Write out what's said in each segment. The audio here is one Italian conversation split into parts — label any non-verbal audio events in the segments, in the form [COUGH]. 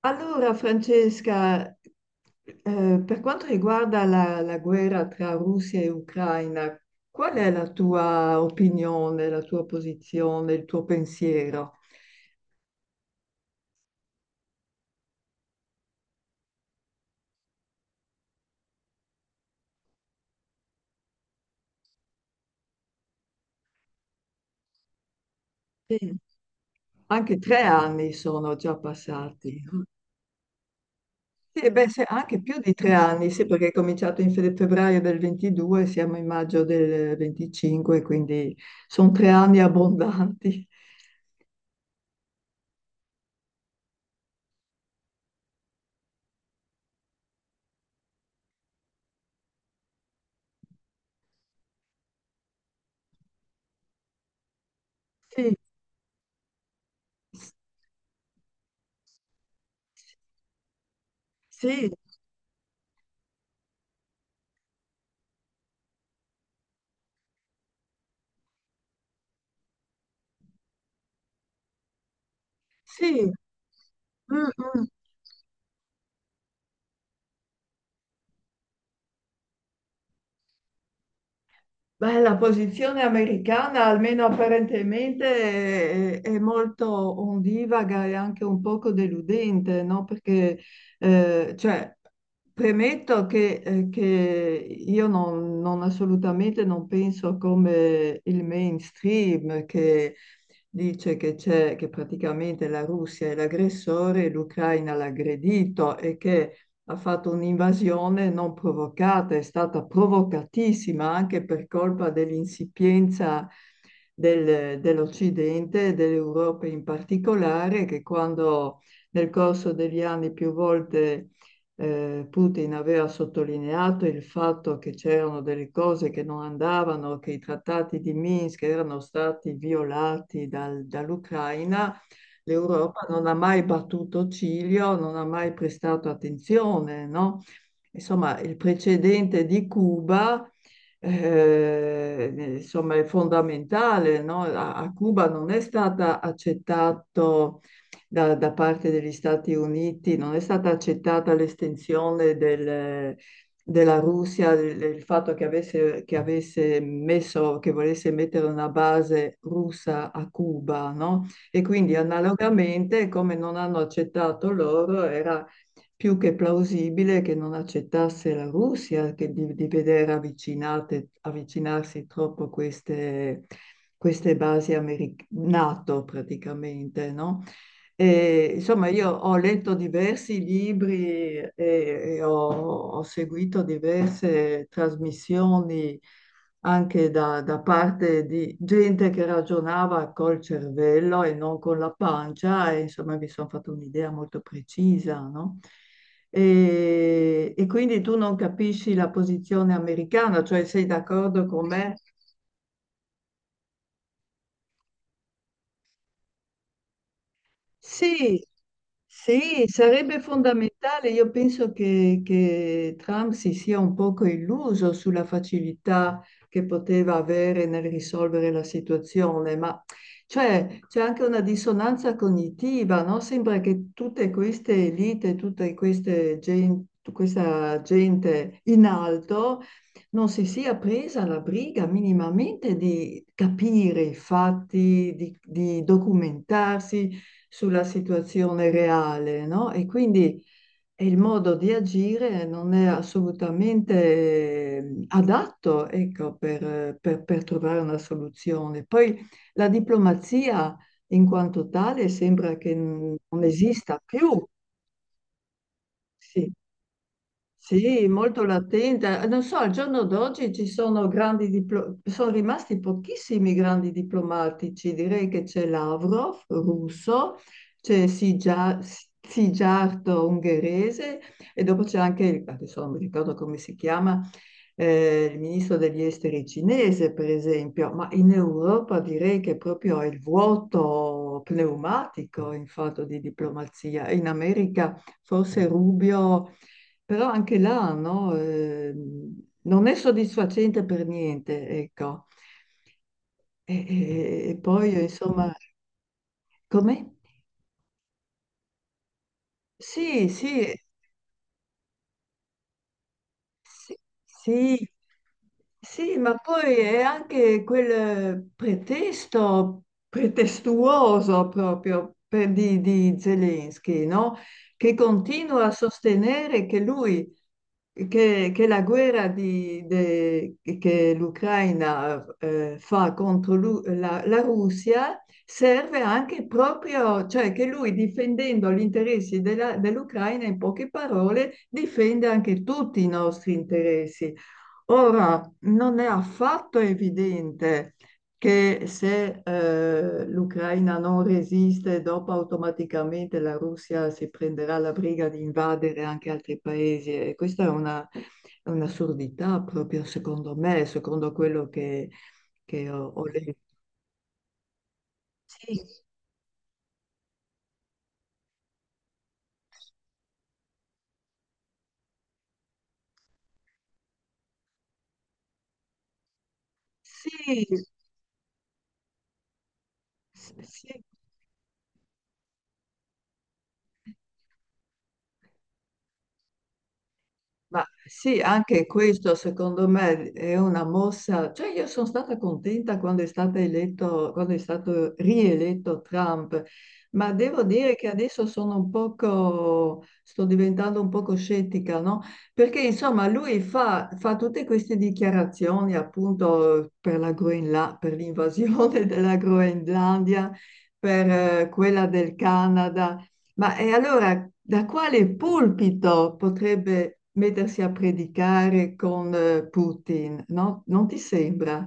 Allora, Francesca, per quanto riguarda la guerra tra Russia e Ucraina, qual è la tua opinione, la tua posizione, il tuo pensiero? Sì. Anche tre anni sono già passati. Sì, beh, anche più di tre anni, sì, perché è cominciato in febbraio del 22, siamo in maggio del 25, quindi sono tre anni abbondanti. Sì, sì, sì. mm, mm. Beh, la posizione americana, almeno apparentemente, è molto ondivaga e anche un poco deludente, no? Eh, cioè, premetto che io non assolutamente non penso come il mainstream che dice che che praticamente la Russia è l'aggressore e l'Ucraina l'aggredito e che ha fatto un'invasione non provocata, è stata provocatissima anche per colpa dell'insipienza dell'Occidente e dell'Europa in particolare, che quando nel corso degli anni più volte Putin aveva sottolineato il fatto che c'erano delle cose che non andavano, che i trattati di Minsk erano stati violati dall'Ucraina, l'Europa non ha mai battuto ciglio, non ha mai prestato attenzione, no? Insomma, il precedente di Cuba, insomma, è fondamentale, no? A Cuba non è stata accettato da parte degli Stati Uniti, non è stata accettata l'estensione del della Russia, il fatto che avesse messo, che volesse mettere una base russa a Cuba, no? E quindi analogamente, come non hanno accettato loro, era più che plausibile che non accettasse la Russia, che di vedere avvicinarsi troppo queste basi NATO praticamente, no? E, insomma, io ho letto diversi libri e ho seguito diverse trasmissioni anche da parte di gente che ragionava col cervello e non con la pancia, e insomma mi sono fatto un'idea molto precisa, no? E quindi tu non capisci la posizione americana, cioè sei d'accordo con me? Sì, sì, sarebbe fondamentale. Io penso che Trump si sia un poco illuso sulla facilità che poteva avere nel risolvere la situazione, ma cioè, c'è anche una dissonanza cognitiva, no? Sembra che tutte queste elite, questa gente in alto non si sia presa la briga minimamente di capire i fatti, di documentarsi sulla situazione reale, no? E quindi il modo di agire non è assolutamente adatto, ecco, per trovare una soluzione. Poi la diplomazia in quanto tale sembra che non esista più. Sì. Sì, molto latente. Non so, al giorno d'oggi ci sono sono rimasti pochissimi grandi diplomatici. Direi che c'è Lavrov, russo, c'è Sigia- Sijarto, ungherese, e dopo c'è anche, adesso non mi ricordo come si chiama, il ministro degli esteri cinese, per esempio. Ma in Europa direi che proprio è il vuoto pneumatico in fatto di diplomazia. In America forse Rubio però anche là, no, non è soddisfacente per niente, ecco. E poi, insomma, come? Sì, sì, sì, sì, sì, ma poi è anche quel pretesto pretestuoso di Zelensky, no? Che continua a sostenere che lui, che la che l'Ucraina fa contro la Russia serve anche proprio, cioè che lui difendendo gli interessi dell'Ucraina, in poche parole, difende anche tutti i nostri interessi. Ora, non è affatto evidente che se l'Ucraina non resiste, dopo automaticamente la Russia si prenderà la briga di invadere anche altri paesi. E questa è è un'assurdità proprio secondo me, secondo quello che ho letto. Sì, sì, S- sì, ma sì, anche questo secondo me è una mossa. Cioè, io sono stata contenta quando è stato eletto, quando è stato rieletto Trump, ma devo dire che adesso sono un poco, sto diventando un poco scettica, no? Perché insomma lui fa tutte queste dichiarazioni appunto per la per l'invasione [LAUGHS] della Groenlandia, per quella del Canada. Ma e allora da quale pulpito potrebbe mettersi a predicare con Putin? No? Non ti sembra?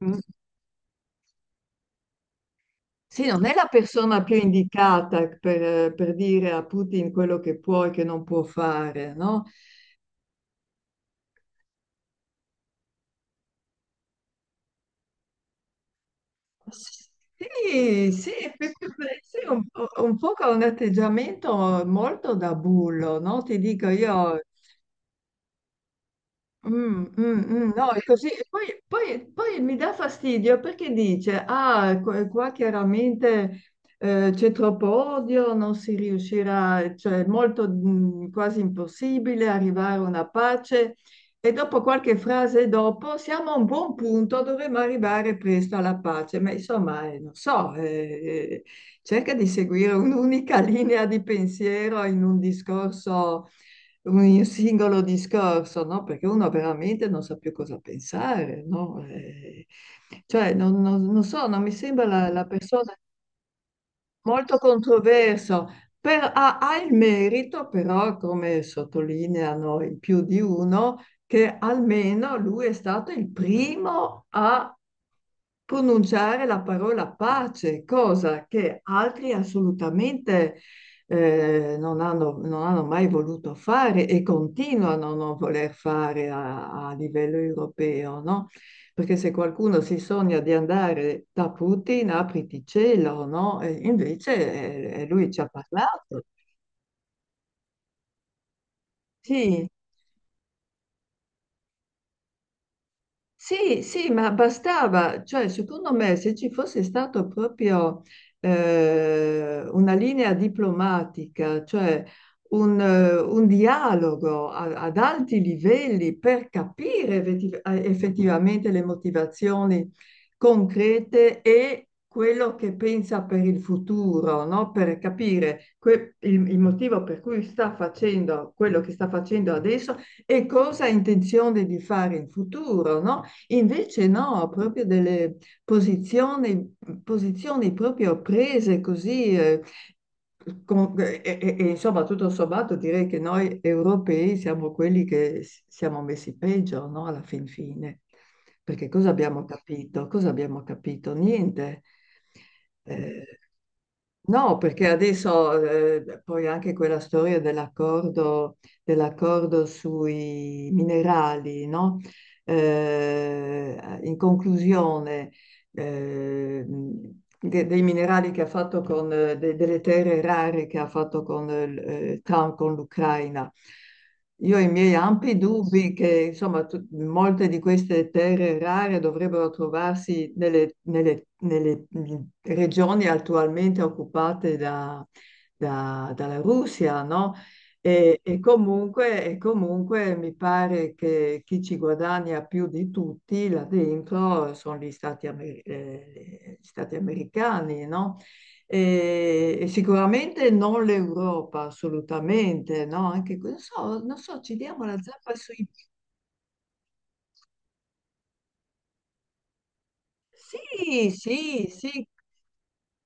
Mm. Sì, non è la persona più indicata per dire a Putin quello che può e che non può fare, no? Sì, sì, perché parece un po' che ha un atteggiamento molto da bullo, no? Ti dico io, no, è così. E poi, poi mi dà fastidio perché dice, ah, qua qua chiaramente c'è troppo odio, non si riuscirà, cioè è molto quasi impossibile arrivare a una pace. E dopo qualche frase dopo, siamo a un buon punto, dovremmo arrivare presto alla pace. Ma insomma, non so, eh, cerca di seguire un'unica [LAUGHS] linea di pensiero in un discorso un singolo discorso, no? Perché uno veramente non sa più cosa pensare, no? Non so, non mi sembra la persona molto controverso, ha, ha il merito però, come sottolineano in più di uno, che almeno lui è stato il primo a pronunciare la parola pace, cosa che altri assolutamente non hanno, non hanno mai voluto fare e continuano a non voler fare a livello europeo, no? Perché se qualcuno si sogna di andare da Putin, apriti cielo, no? E invece lui ci ha parlato. Sì, sì, sì, ma bastava, cioè secondo me se ci fosse stato proprio una linea diplomatica, cioè un dialogo ad alti livelli per capire effettivamente le motivazioni concrete e quello che pensa per il futuro, no? Per capire il motivo per cui sta facendo quello che sta facendo adesso e cosa ha intenzione di fare in futuro, no? Invece no, proprio delle posizioni, posizioni proprio prese così, insomma tutto sommato direi che noi europei siamo quelli che siamo messi peggio, no? Alla fin fine. Perché cosa abbiamo capito? Cosa abbiamo capito? Niente. Eh, No, perché adesso poi anche quella storia dell'accordo sui minerali, no? In conclusione eh, dei minerali che ha fatto con delle terre rare che ha fatto con Trump con l'Ucraina. Io ho i miei ampi dubbi che insomma, molte di queste terre rare dovrebbero trovarsi nelle regioni attualmente occupate dalla Russia, no? E comunque mi pare che chi ci guadagna più di tutti là dentro sono gli gli Stati americani, no? E sicuramente non l'Europa, assolutamente, no? Anche, non so, non so, ci diamo la zappa sui... Sì, sì, sì,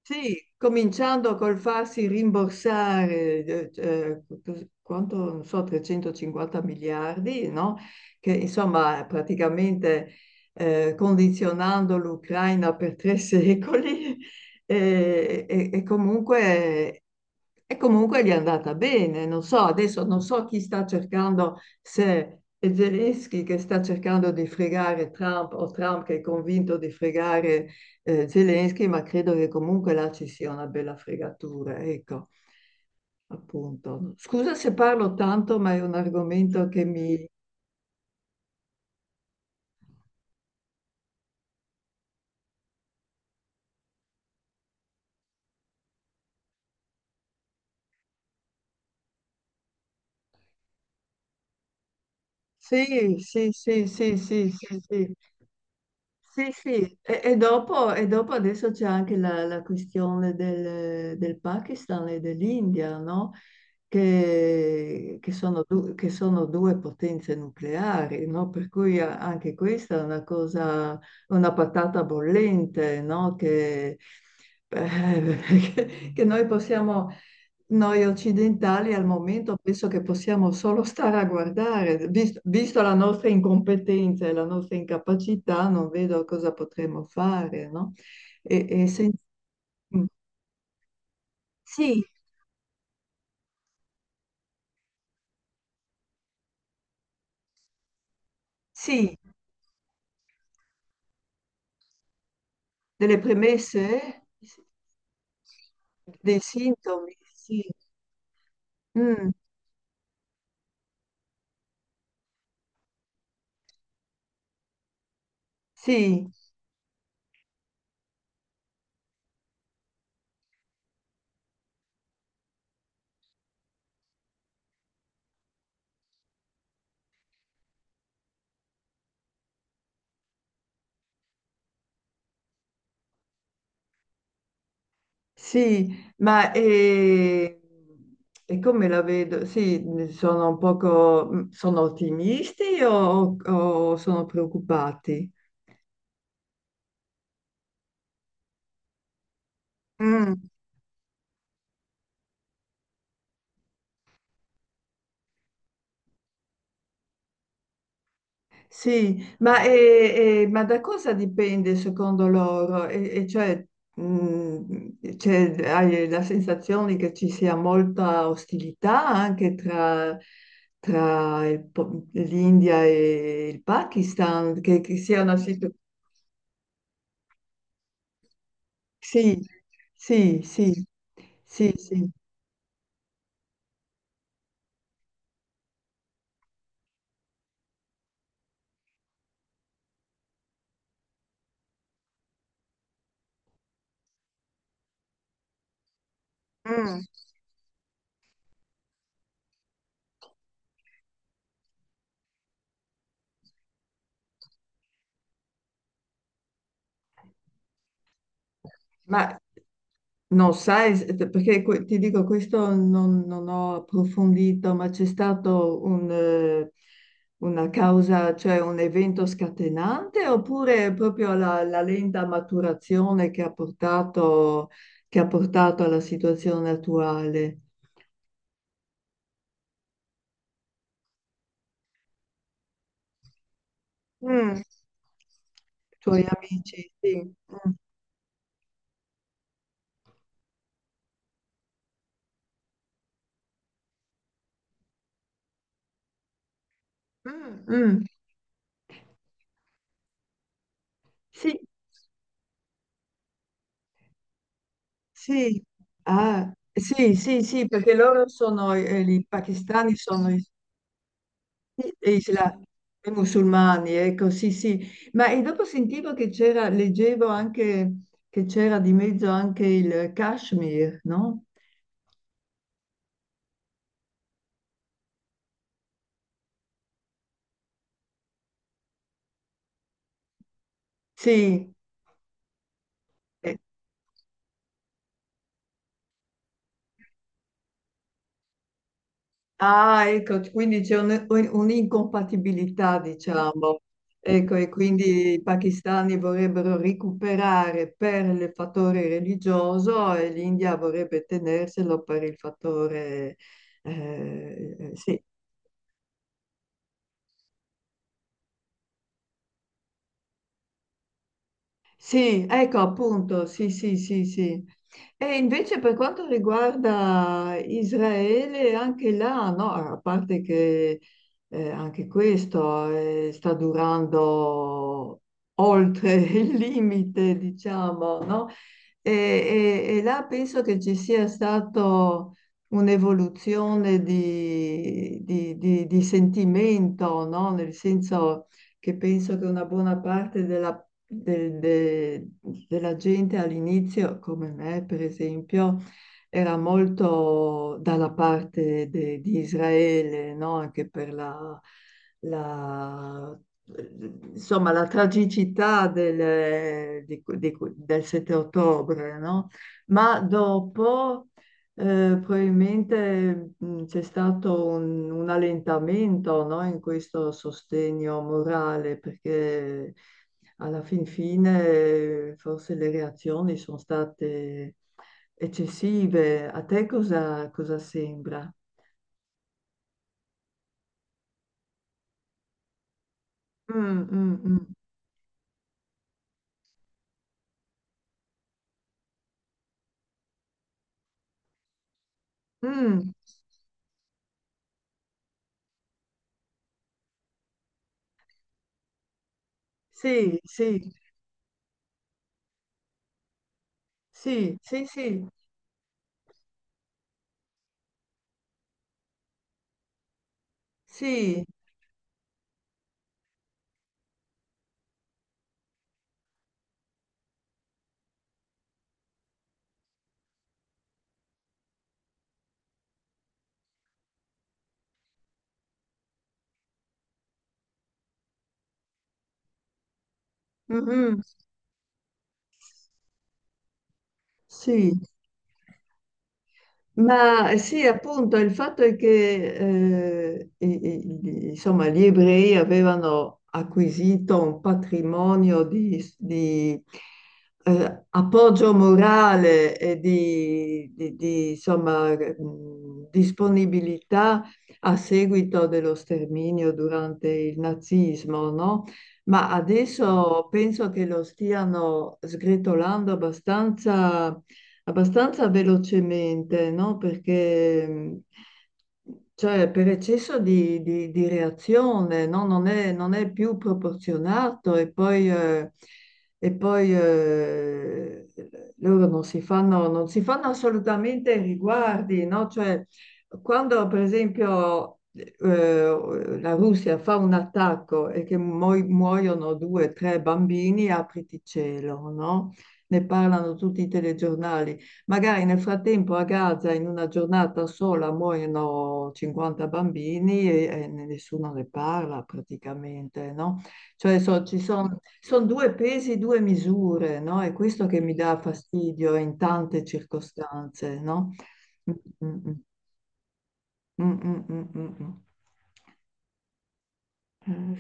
sì, cominciando col farsi rimborsare, quanto, non so, 350 miliardi, no? Che insomma praticamente condizionando l'Ucraina per tre [LAUGHS] secoli eh, e, e comunque, e comunque gli è andata bene. Non so, adesso non so chi sta cercando, se è Zelensky che sta cercando di fregare Trump o Trump che è convinto di fregare Zelensky, ma credo che comunque là ci sia una bella fregatura, ecco, appunto. Scusa se parlo tanto, ma è un argomento che mi... Sì, sì, sì, sì, sì, sì, sì. Sì, sì, e dopo adesso c'è anche la questione del Pakistan e dell'India, no? Che sono due potenze nucleari, no? Per cui anche questa è una cosa, una patata bollente, no? Eh, [LAUGHS] che noi possiamo, noi occidentali al momento penso che possiamo solo stare a guardare, visto, la nostra incompetenza e la nostra incapacità, non vedo cosa potremmo fare, no? E, e sen- Mm. Sì, sì, delle premesse, dei sintomi, sì. Mm, sì, sì, ma come la vedo? Sì, sono un poco, sono ottimisti o sono preoccupati? Mm, sì, ma da cosa dipende secondo loro? Mm, hai la sensazione che ci sia molta ostilità anche tra l'India e il Pakistan, che sia una situazione... Sì, sì, sì, sì, sì. Mm. Ma non sai, ti dico, questo non, non ho approfondito, ma c'è stato una causa, cioè un evento scatenante, oppure proprio la lenta maturazione che ha portato alla situazione attuale? Mm, tuoi amici, sì. Mm. mm, Mm, sì, sì, ah, sì, sì, sì, perché loro sono, i pakistani sono, e isla- e musulmani, ecco, sì, sì. Ma e dopo sentivo che c'era, leggevo anche che c'era di mezzo anche il Kashmir, no? Sì. Eh, ah, ecco, quindi c'è un'incompatibilità, diciamo. Ecco, e quindi i pakistani vorrebbero recuperare per il fattore religioso e l'India vorrebbe tenerselo per il fattore, sì, sì, ecco appunto, sì, sì, sì, sì. E invece per quanto riguarda Israele, anche là, no, a parte che anche questo sta durando oltre [LAUGHS] il limite, diciamo, no? E là penso che ci sia stato un'evoluzione di sentimento, no? Nel senso che penso che una buona parte de- de- della gente all'inizio, come me per esempio, era molto dalla parte di Israele, no? Anche per la- insomma, la tragicità del 7 ottobre, no? Ma dopo... probabilmente c'è stato un allentamento, no, in questo sostegno morale, perché alla fin fine forse le reazioni sono state eccessive. A te cosa, cosa sembra? Mm, mm, mm. Mm. Sì, sì, sì, sì, sì, sì, mhm, sì, ma sì, appunto, il fatto è che insomma, gli ebrei avevano acquisito un patrimonio appoggio morale e insomma, disponibilità a seguito dello sterminio durante il nazismo, no? Ma adesso penso che lo stiano sgretolando abbastanza abbastanza velocemente, no? Perché cioè, per eccesso di reazione, no? Non è più proporzionato e poi, loro non si fanno, non si fanno assolutamente riguardi, no? Cioè, quando per esempio la Russia fa un attacco e che muoiono due o tre bambini, apriti cielo, no? Ne parlano tutti i telegiornali. Magari nel frattempo a Gaza in una giornata sola muoiono 50 bambini e nessuno ne parla praticamente, no? Cioè ci sono son due pesi, due misure, no? È questo che mi dà fastidio in tante circostanze, no? Mm, mm, mm, mm, mm, mm, mm. Eh,